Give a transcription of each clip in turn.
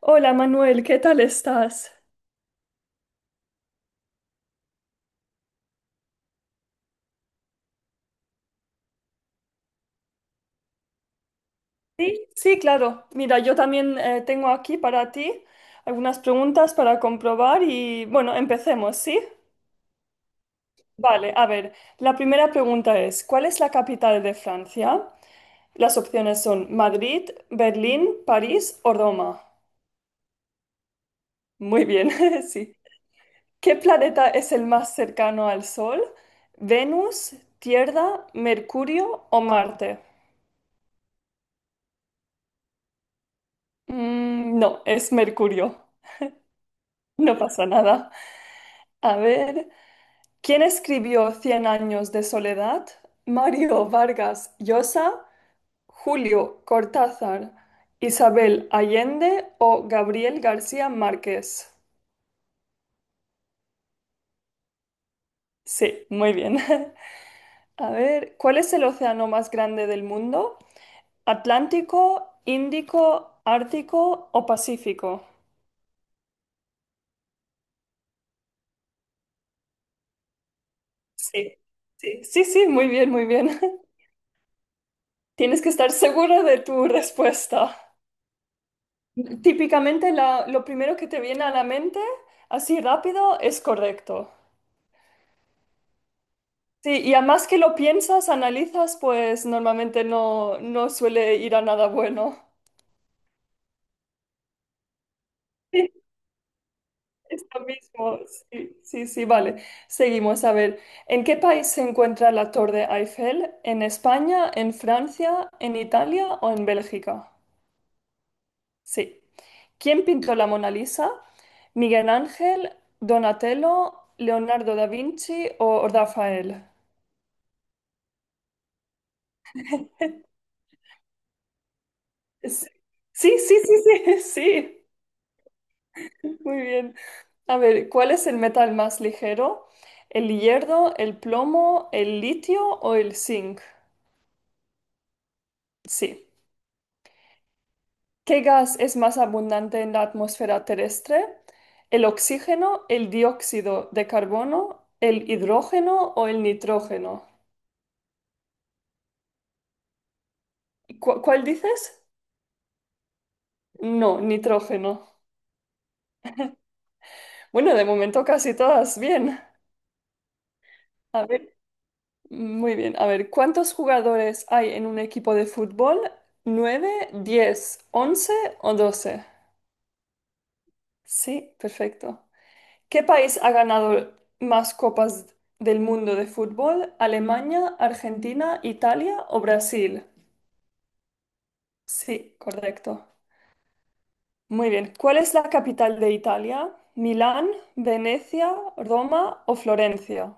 Hola Manuel, ¿qué tal estás? Sí, sí, claro. Mira, yo también tengo aquí para ti algunas preguntas para comprobar y bueno, empecemos, ¿sí? Vale, a ver, la primera pregunta es, ¿cuál es la capital de Francia? Las opciones son Madrid, Berlín, París o Roma. Muy bien, sí. ¿Qué planeta es el más cercano al Sol? ¿Venus, Tierra, Mercurio o Marte? Mm, no, es Mercurio. No pasa nada. A ver, ¿quién escribió Cien años de soledad? Mario Vargas Llosa, Julio Cortázar, Isabel Allende o Gabriel García Márquez. Sí, muy bien. A ver, ¿cuál es el océano más grande del mundo? ¿Atlántico, Índico, Ártico o Pacífico? Sí, sí, sí, sí, muy bien, muy bien. Tienes que estar seguro de tu respuesta. Típicamente lo primero que te viene a la mente, así rápido, es correcto. Sí, y a más que lo piensas, analizas, pues normalmente no, no suele ir a nada bueno. Sí, es lo mismo. Sí, sí, sí, vale. Seguimos. A ver, ¿en qué país se encuentra la Torre Eiffel? ¿En España, en Francia, en Italia o en Bélgica? Sí. ¿Quién pintó la Mona Lisa? ¿Miguel Ángel, Donatello, Leonardo da Vinci o Rafael? Sí, sí, sí, sí, sí, sí. Muy bien. A ver, ¿cuál es el metal más ligero? ¿El hierro, el plomo, el litio o el zinc? Sí. ¿Qué gas es más abundante en la atmósfera terrestre? ¿El oxígeno, el dióxido de carbono, el hidrógeno o el nitrógeno? ¿Cuál dices? No, nitrógeno. Bueno, de momento casi todas bien. A ver, muy bien, a ver, ¿cuántos jugadores hay en un equipo de fútbol? ¿Nueve, diez, once o doce? Sí, perfecto. ¿Qué país ha ganado más copas del mundo de fútbol? ¿Alemania, Argentina, Italia o Brasil? Sí, correcto. Muy bien, ¿cuál es la capital de Italia? ¿Milán, Venecia, Roma o Florencia?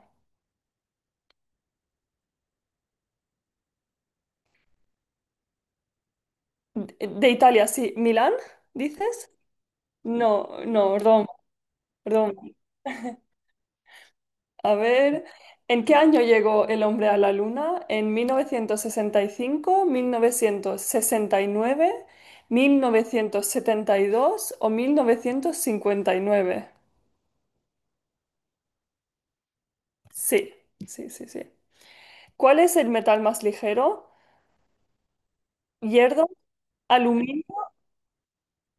De Italia, sí. ¿Milán, dices? No, no, Roma, Roma. A ver, ¿en qué año llegó el hombre a la luna? ¿En 1965, 1969, 1972 o 1959? Sí, sí, sí, sí. ¿Cuál es el metal más ligero? Hierro, aluminio,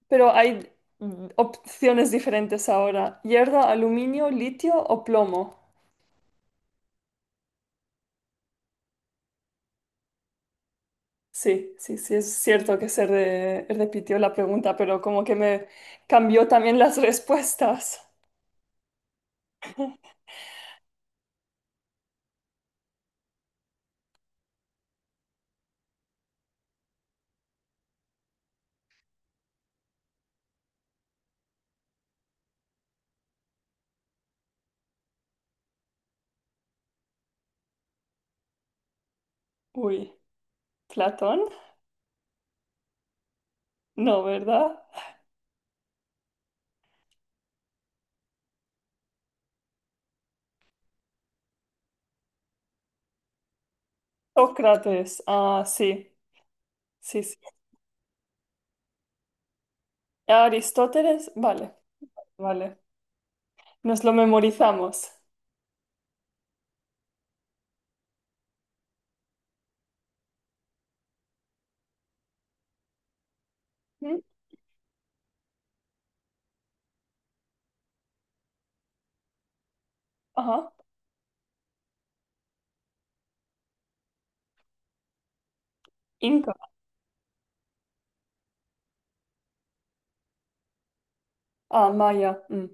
pero hay opciones diferentes ahora. Hierro, aluminio, litio o plomo. Sí, sí, sí, es cierto que se repitió la pregunta, pero como que me cambió también las respuestas. Uy, Platón, no, ¿verdad? Sócrates, ah, sí, sí, sí. Aristóteles, vale, vale. Nos lo memorizamos. ¿Mm? Ajá. Inca, ah, Maya. Mm.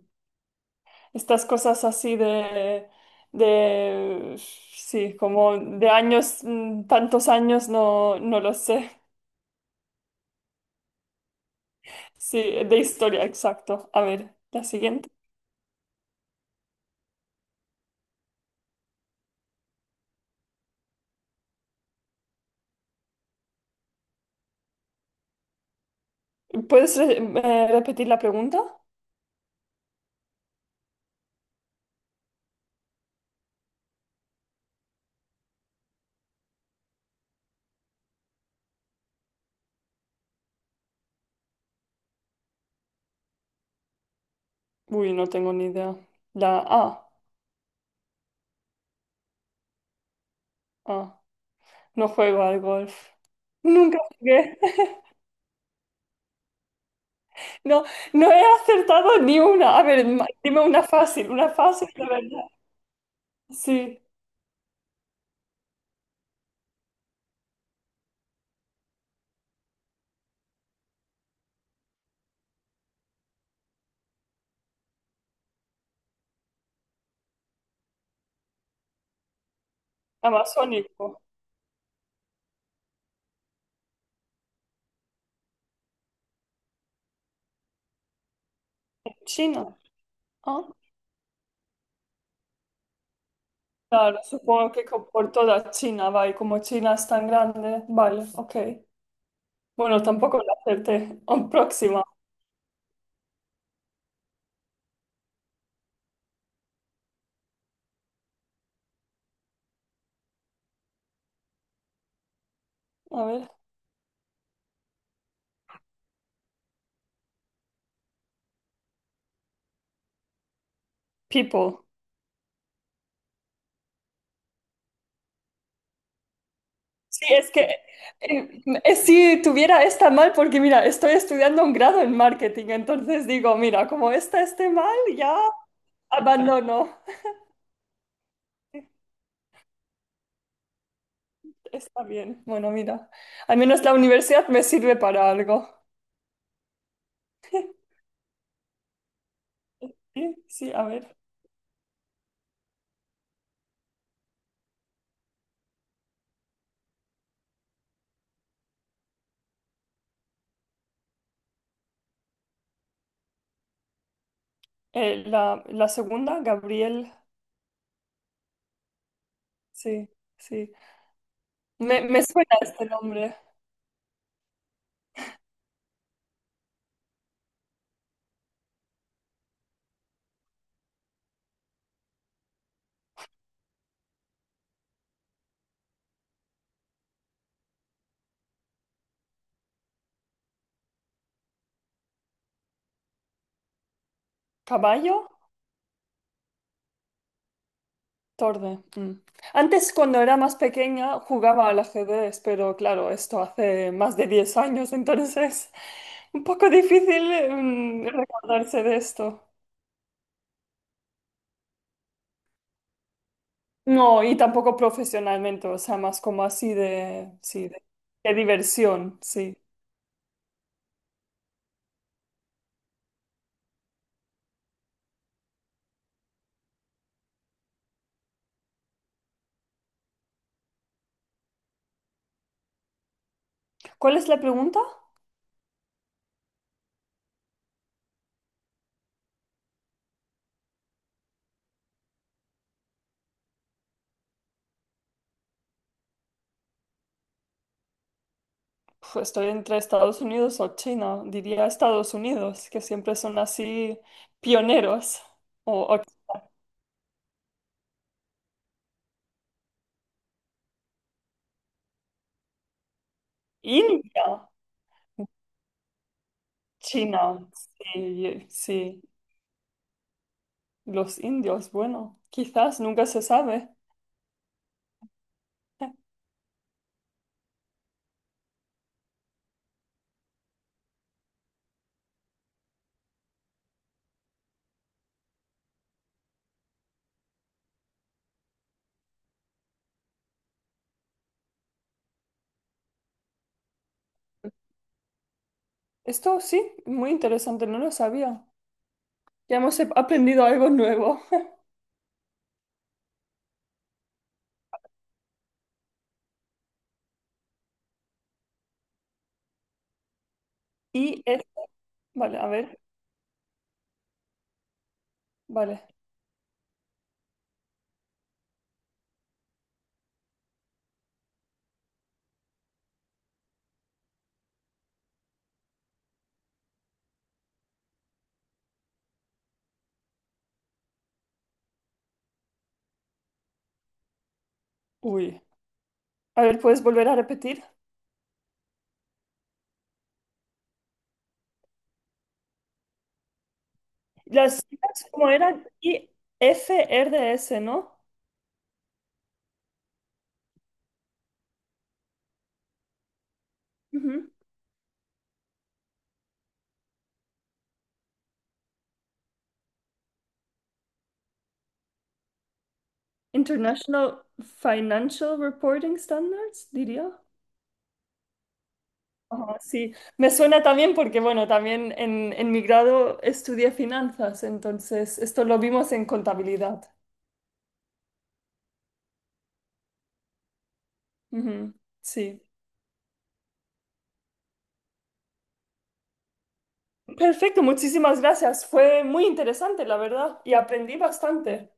Estas cosas así sí, como de años, tantos años, no, no lo sé. Sí, de historia, exacto. A ver, la siguiente. ¿Puedes repetir la pregunta? Uy, no tengo ni idea. La A. Ah, no juego al golf. Nunca jugué. No, no he acertado ni una. A ver, dime una fácil de verdad. Sí, amazónico. China. Ah, claro, supongo que por toda China va y como China es tan grande, vale, ok. Bueno, tampoco la acerté. Ah, próxima. A ver. People. Sí, es que si tuviera esta mal, porque mira, estoy estudiando un grado en marketing, entonces digo, mira, como esta esté mal, ya abandono. Sí, está bien, bueno, mira, al menos la universidad me sirve para algo. Sí, sí, a ver. La segunda, Gabriel, sí, sí. Me suena este nombre. ¿Caballo? Torre. Mm. Antes, cuando era más pequeña, jugaba al ajedrez, pero claro, esto hace más de 10 años, entonces un poco difícil recordarse de esto. No, y tampoco profesionalmente, o sea, más como así de, sí, de diversión, sí. ¿Cuál es la pregunta? Uf, estoy entre Estados Unidos o China. Diría Estados Unidos, que siempre son así pioneros. O India, China, sí, sí. Los indios, bueno, quizás nunca se sabe. Esto sí, muy interesante, no lo sabía. Ya hemos aprendido algo nuevo. Y es... Vale, a ver, vale. Uy. A ver, ¿puedes volver a repetir? Las siglas, ¿cómo eran? IFRS, ¿no? Ujú. International Financial Reporting Standards, diría. Ajá, sí, me suena también porque, bueno, también en mi grado estudié finanzas, entonces esto lo vimos en contabilidad. Ujú, sí. Perfecto, muchísimas gracias. Fue muy interesante, la verdad, y aprendí bastante.